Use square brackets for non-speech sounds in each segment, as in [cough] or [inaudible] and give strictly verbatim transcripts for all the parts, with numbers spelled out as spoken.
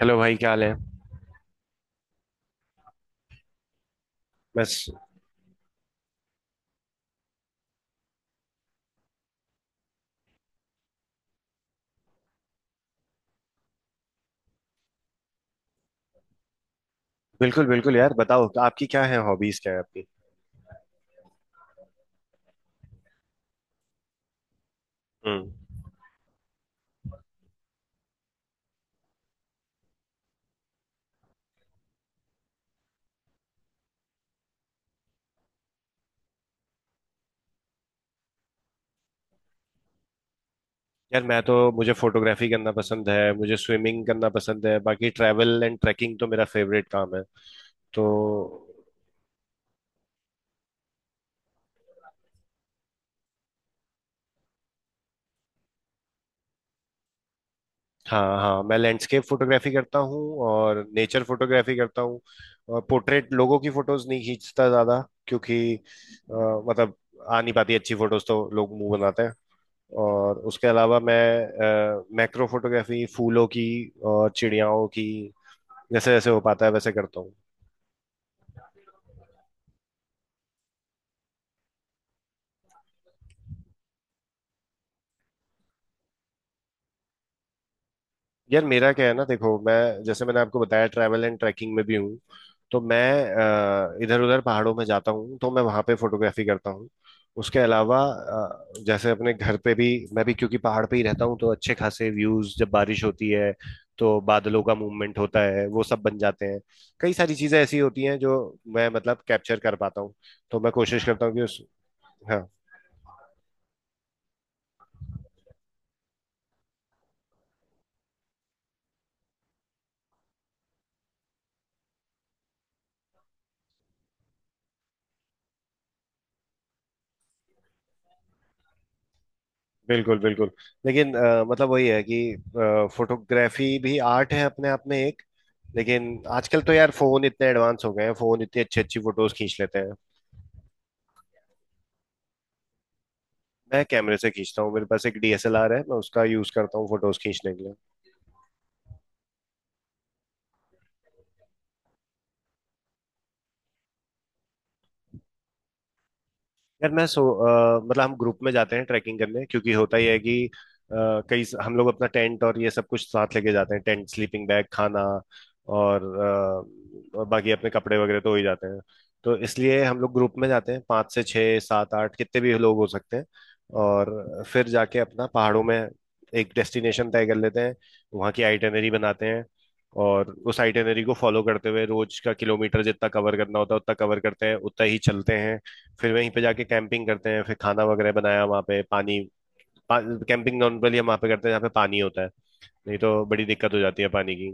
Hello भाई, क्या हाल है। बस। बिल्कुल बिल्कुल यार, बताओ तो, आपकी क्या है हॉबीज, क्या है आपकी। हम्म। यार मैं तो, मुझे फोटोग्राफी करना पसंद है, मुझे स्विमिंग करना पसंद है, बाकी ट्रैवल एंड ट्रैकिंग तो मेरा फेवरेट काम है। तो। हाँ हाँ, मैं लैंडस्केप फोटोग्राफी करता हूँ और नेचर फोटोग्राफी करता हूँ। और पोर्ट्रेट लोगों की फोटोज नहीं खींचता ज्यादा, क्योंकि अ, मतलब आ नहीं पाती अच्छी फोटोज, तो लोग मुंह बनाते हैं। और उसके अलावा मैं मैक्रो फोटोग्राफी फूलों की और चिड़ियाओं की जैसे जैसे हो पाता है वैसे करता हूँ। यार मेरा क्या है ना, देखो मैं, जैसे मैंने आपको बताया, ट्रैवल एंड ट्रैकिंग में भी हूँ, तो मैं इधर उधर पहाड़ों में जाता हूँ तो मैं वहां पे फोटोग्राफी करता हूँ। उसके अलावा अ, जैसे अपने घर पे भी मैं भी, क्योंकि पहाड़ पे ही रहता हूँ तो अच्छे खासे व्यूज, जब बारिश होती है तो बादलों का मूवमेंट होता है, वो सब बन जाते हैं। कई सारी चीजें ऐसी होती हैं जो मैं मतलब कैप्चर कर पाता हूँ। तो मैं कोशिश करता हूँ कि उस। हाँ। बिल्कुल बिल्कुल। लेकिन अ, मतलब वही है कि फोटोग्राफी भी आर्ट है अपने आप में एक। लेकिन आजकल तो यार फोन इतने एडवांस हो गए हैं, फोन इतनी अच्छी अच्छी फोटोज खींच लेते हैं। मैं कैमरे से खींचता हूँ, मेरे पास एक डीएसएलआर है, मैं उसका यूज करता हूँ फोटोज खींचने के लिए। यार मैं सो अ, मतलब हम ग्रुप में जाते हैं ट्रैकिंग करने, क्योंकि होता ही है कि अ, कई हम लोग अपना टेंट और ये सब कुछ साथ लेके जाते हैं, टेंट, स्लीपिंग बैग, खाना, और, अ, और बाकी अपने कपड़े वगैरह तो हो ही जाते हैं। तो इसलिए हम लोग ग्रुप में जाते हैं, पाँच से छः सात आठ कितने भी लोग हो सकते हैं। और फिर जाके अपना पहाड़ों में एक डेस्टिनेशन तय कर लेते हैं, वहाँ की आइटनरी बनाते हैं, और उस आइटनरी को फॉलो करते हुए रोज का किलोमीटर जितना कवर करना होता है उतना कवर करते हैं, उतना ही चलते हैं। फिर वहीं पे जाके कैंपिंग करते हैं, फिर खाना वगैरह बनाया, वहाँ पे पानी। पा, कैंपिंग नॉर्मली हम वहाँ पे करते हैं जहाँ पे पानी होता है, नहीं तो बड़ी दिक्कत हो जाती है पानी की।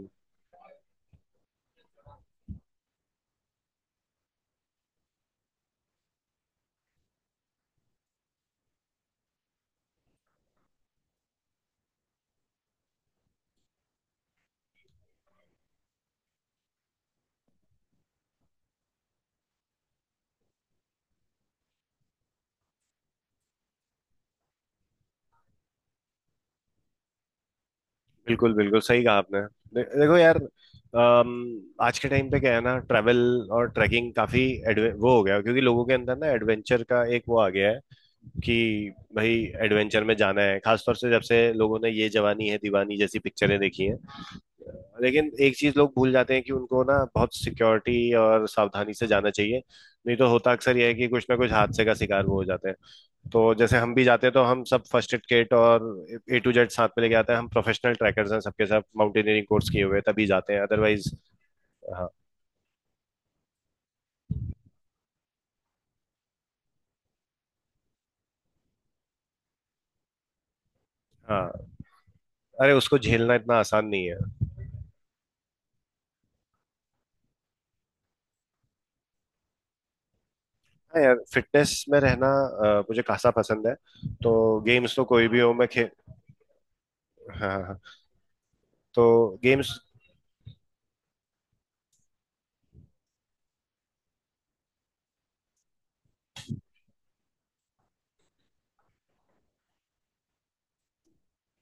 बिल्कुल बिल्कुल सही कहा आपने। दे, देखो यार, अम, आज के टाइम पे क्या है ना, ट्रैवल और ट्रैकिंग काफी एडवे वो हो गया है, क्योंकि लोगों के अंदर ना एडवेंचर का एक वो आ गया है कि भाई एडवेंचर में जाना है, खासतौर से जब से लोगों ने ये जवानी है दीवानी जैसी पिक्चरें देखी हैं। लेकिन एक चीज लोग भूल जाते हैं कि उनको ना बहुत सिक्योरिटी और सावधानी से जाना चाहिए, नहीं तो होता अक्सर यह है कि कुछ ना कुछ हादसे का शिकार वो हो जाते हैं। तो जैसे हम भी जाते हैं तो हम सब फर्स्ट एड किट और ए टू जेड साथ में लेके आते हैं, हम प्रोफेशनल ट्रैकर्स हैं, सबके साथ माउंटेनियरिंग कोर्स किए हुए हैं, तभी जाते हैं, अदरवाइज। हाँ हाँ। अरे उसको झेलना इतना आसान नहीं है। हाँ यार, फिटनेस में रहना अ, मुझे खासा पसंद है। तो गेम्स तो कोई भी हो, मैं खे। हाँ हाँ हाँ। तो गेम्स,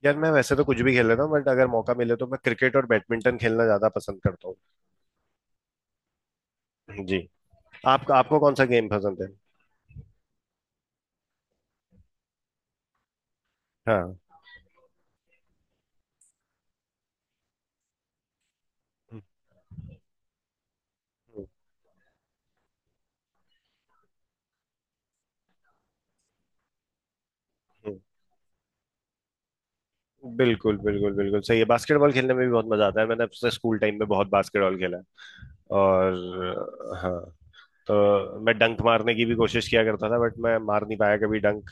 यार मैं वैसे तो कुछ भी खेल लेता हूँ, बट अगर मौका मिले तो मैं क्रिकेट और बैडमिंटन खेलना ज्यादा पसंद करता हूँ। जी। आप आपको कौन सा गेम पसंद है? हाँ। हम्म, हम्म, हम्म। बिल्कुल बिल्कुल बिल्कुल सही है, बास्केटबॉल खेलने में भी बहुत मजा आता है, मैंने अपने स्कूल टाइम में बहुत बास्केटबॉल खेला है। और हाँ, तो मैं डंक मारने की भी कोशिश किया करता था, बट मैं मार नहीं पाया कभी डंक।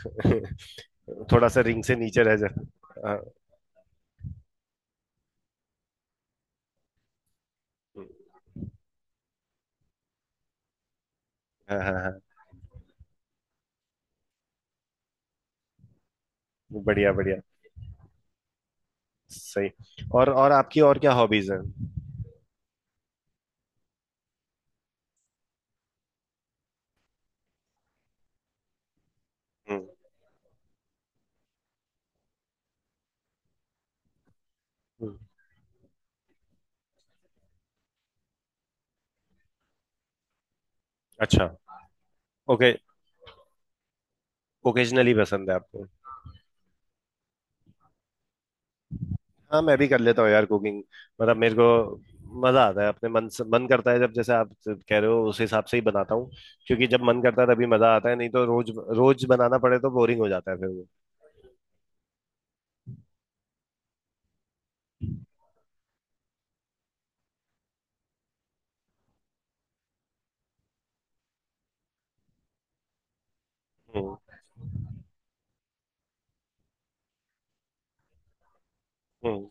[laughs] थोड़ा सा रिंग से नीचे रह जाता। हाँ हाँ हाँ हाँ, बढ़िया बढ़िया, सही। और और आपकी और क्या हॉबीज हैं? हम्म, हम्म, अच्छा। ओके। ओकेजनली पसंद है आपको। हाँ मैं भी कर लेता हूँ यार कुकिंग, मतलब मेरे को मजा आता है, अपने मन से मन करता है जब, जैसे आप कह रहे हो उस हिसाब से ही बनाता हूँ। क्योंकि जब मन करता है तभी मजा आता है, नहीं तो रोज रोज बनाना पड़े तो बोरिंग हो जाता है फिर वो। हम्म, हम्म,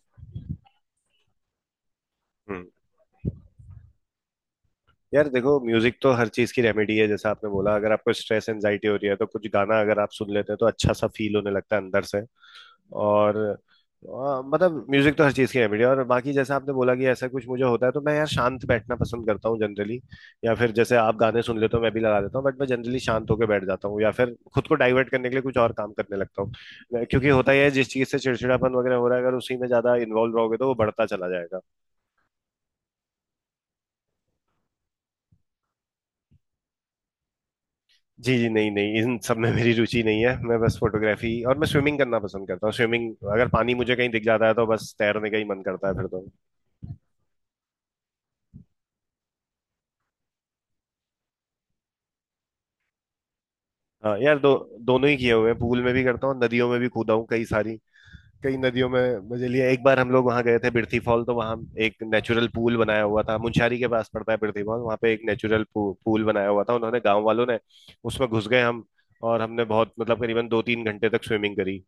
हम्म। यार देखो, म्यूजिक तो हर चीज की रेमेडी है, जैसा आपने बोला, अगर आपको स्ट्रेस एंजाइटी हो रही है तो कुछ गाना अगर आप सुन लेते हैं तो अच्छा सा फील होने लगता है अंदर से। और आ, मतलब म्यूजिक तो हर चीज की है बढ़िया। और बाकी जैसे आपने बोला कि ऐसा कुछ मुझे होता है तो मैं यार शांत बैठना पसंद करता हूँ जनरली, या फिर जैसे आप गाने सुन लेते हो मैं भी लगा देता हूँ, बट मैं जनरली शांत होकर बैठ जाता हूँ, या फिर खुद को डाइवर्ट करने के लिए कुछ और काम करने लगता हूँ। मैं- क्योंकि होता ही है, जिस चीज से चिड़चिड़ापन वगैरह हो रहा है अगर उसी में ज्यादा इन्वॉल्व रहोगे तो वो बढ़ता चला जाएगा। जी जी, नहीं नहीं, इन सब में मेरी रुचि नहीं है, मैं बस फोटोग्राफी और मैं स्विमिंग करना पसंद करता हूँ। स्विमिंग, अगर पानी मुझे कहीं दिख जाता है तो बस तैरने का ही मन करता है फिर तो। हाँ यार, दो दोनों ही किए हुए हैं, पूल में भी करता हूँ, नदियों में भी कूदा हूँ कई सारी, कई नदियों में मजे लिए। एक बार हम लोग वहां गए थे बिरथी फॉल, तो वहां एक नेचुरल पूल बनाया हुआ था, मुंशारी के पास पड़ता है बिरथी फॉल, वहां पे एक नेचुरल पूल बनाया हुआ था उन्होंने, गांव वालों ने। उसमें घुस गए हम, और हमने बहुत, मतलब करीबन दो तीन घंटे तक स्विमिंग करी।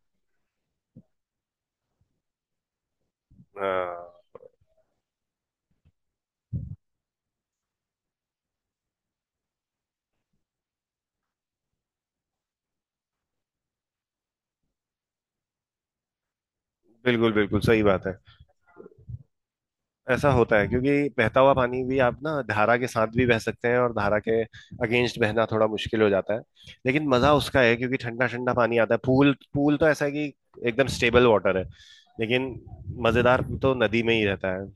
हाँ। बिल्कुल बिल्कुल सही बात है। ऐसा होता है, क्योंकि बहता हुआ पानी भी, आप ना धारा के साथ भी बह सकते हैं और धारा के अगेंस्ट बहना थोड़ा मुश्किल हो जाता है। लेकिन मजा उसका है क्योंकि ठंडा ठंडा पानी आता है। पूल पूल तो ऐसा है कि एकदम स्टेबल वाटर है। लेकिन मजेदार तो नदी में ही रहता है।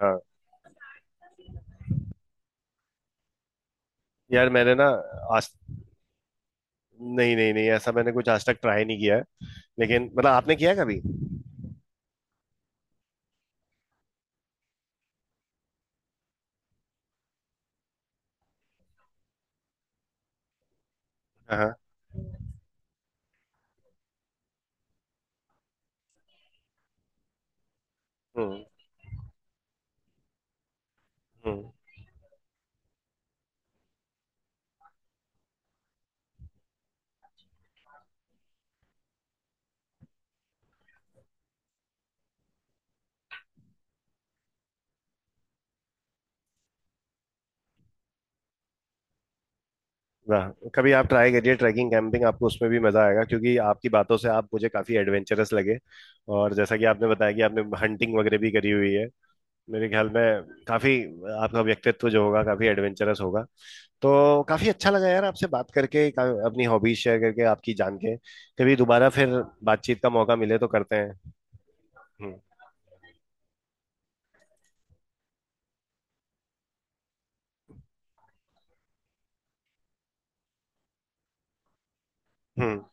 हाँ यार, मैंने ना आज नहीं नहीं नहीं, ऐसा मैंने कुछ आज तक ट्राई नहीं किया है। लेकिन मतलब आपने किया है कभी? हाँ हाँ। हम्म हम्म। ना, कभी आप ट्राई करिए ट्रैकिंग कैंपिंग, आपको उसमें भी मजा आएगा, क्योंकि आपकी बातों से आप मुझे काफी एडवेंचरस लगे। और जैसा कि आपने बताया कि आपने हंटिंग वगैरह भी करी हुई है, मेरे ख्याल में काफी आपका व्यक्तित्व जो होगा काफी एडवेंचरस होगा। तो काफी अच्छा लगा यार आपसे बात करके, का- अपनी हॉबीज शेयर करके, आपकी जान के। कभी दोबारा फिर बातचीत का मौका मिले तो करते हैं। हम्म हम्म।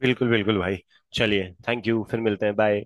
बिल्कुल बिल्कुल भाई, चलिए थैंक यू, फिर मिलते हैं, बाय।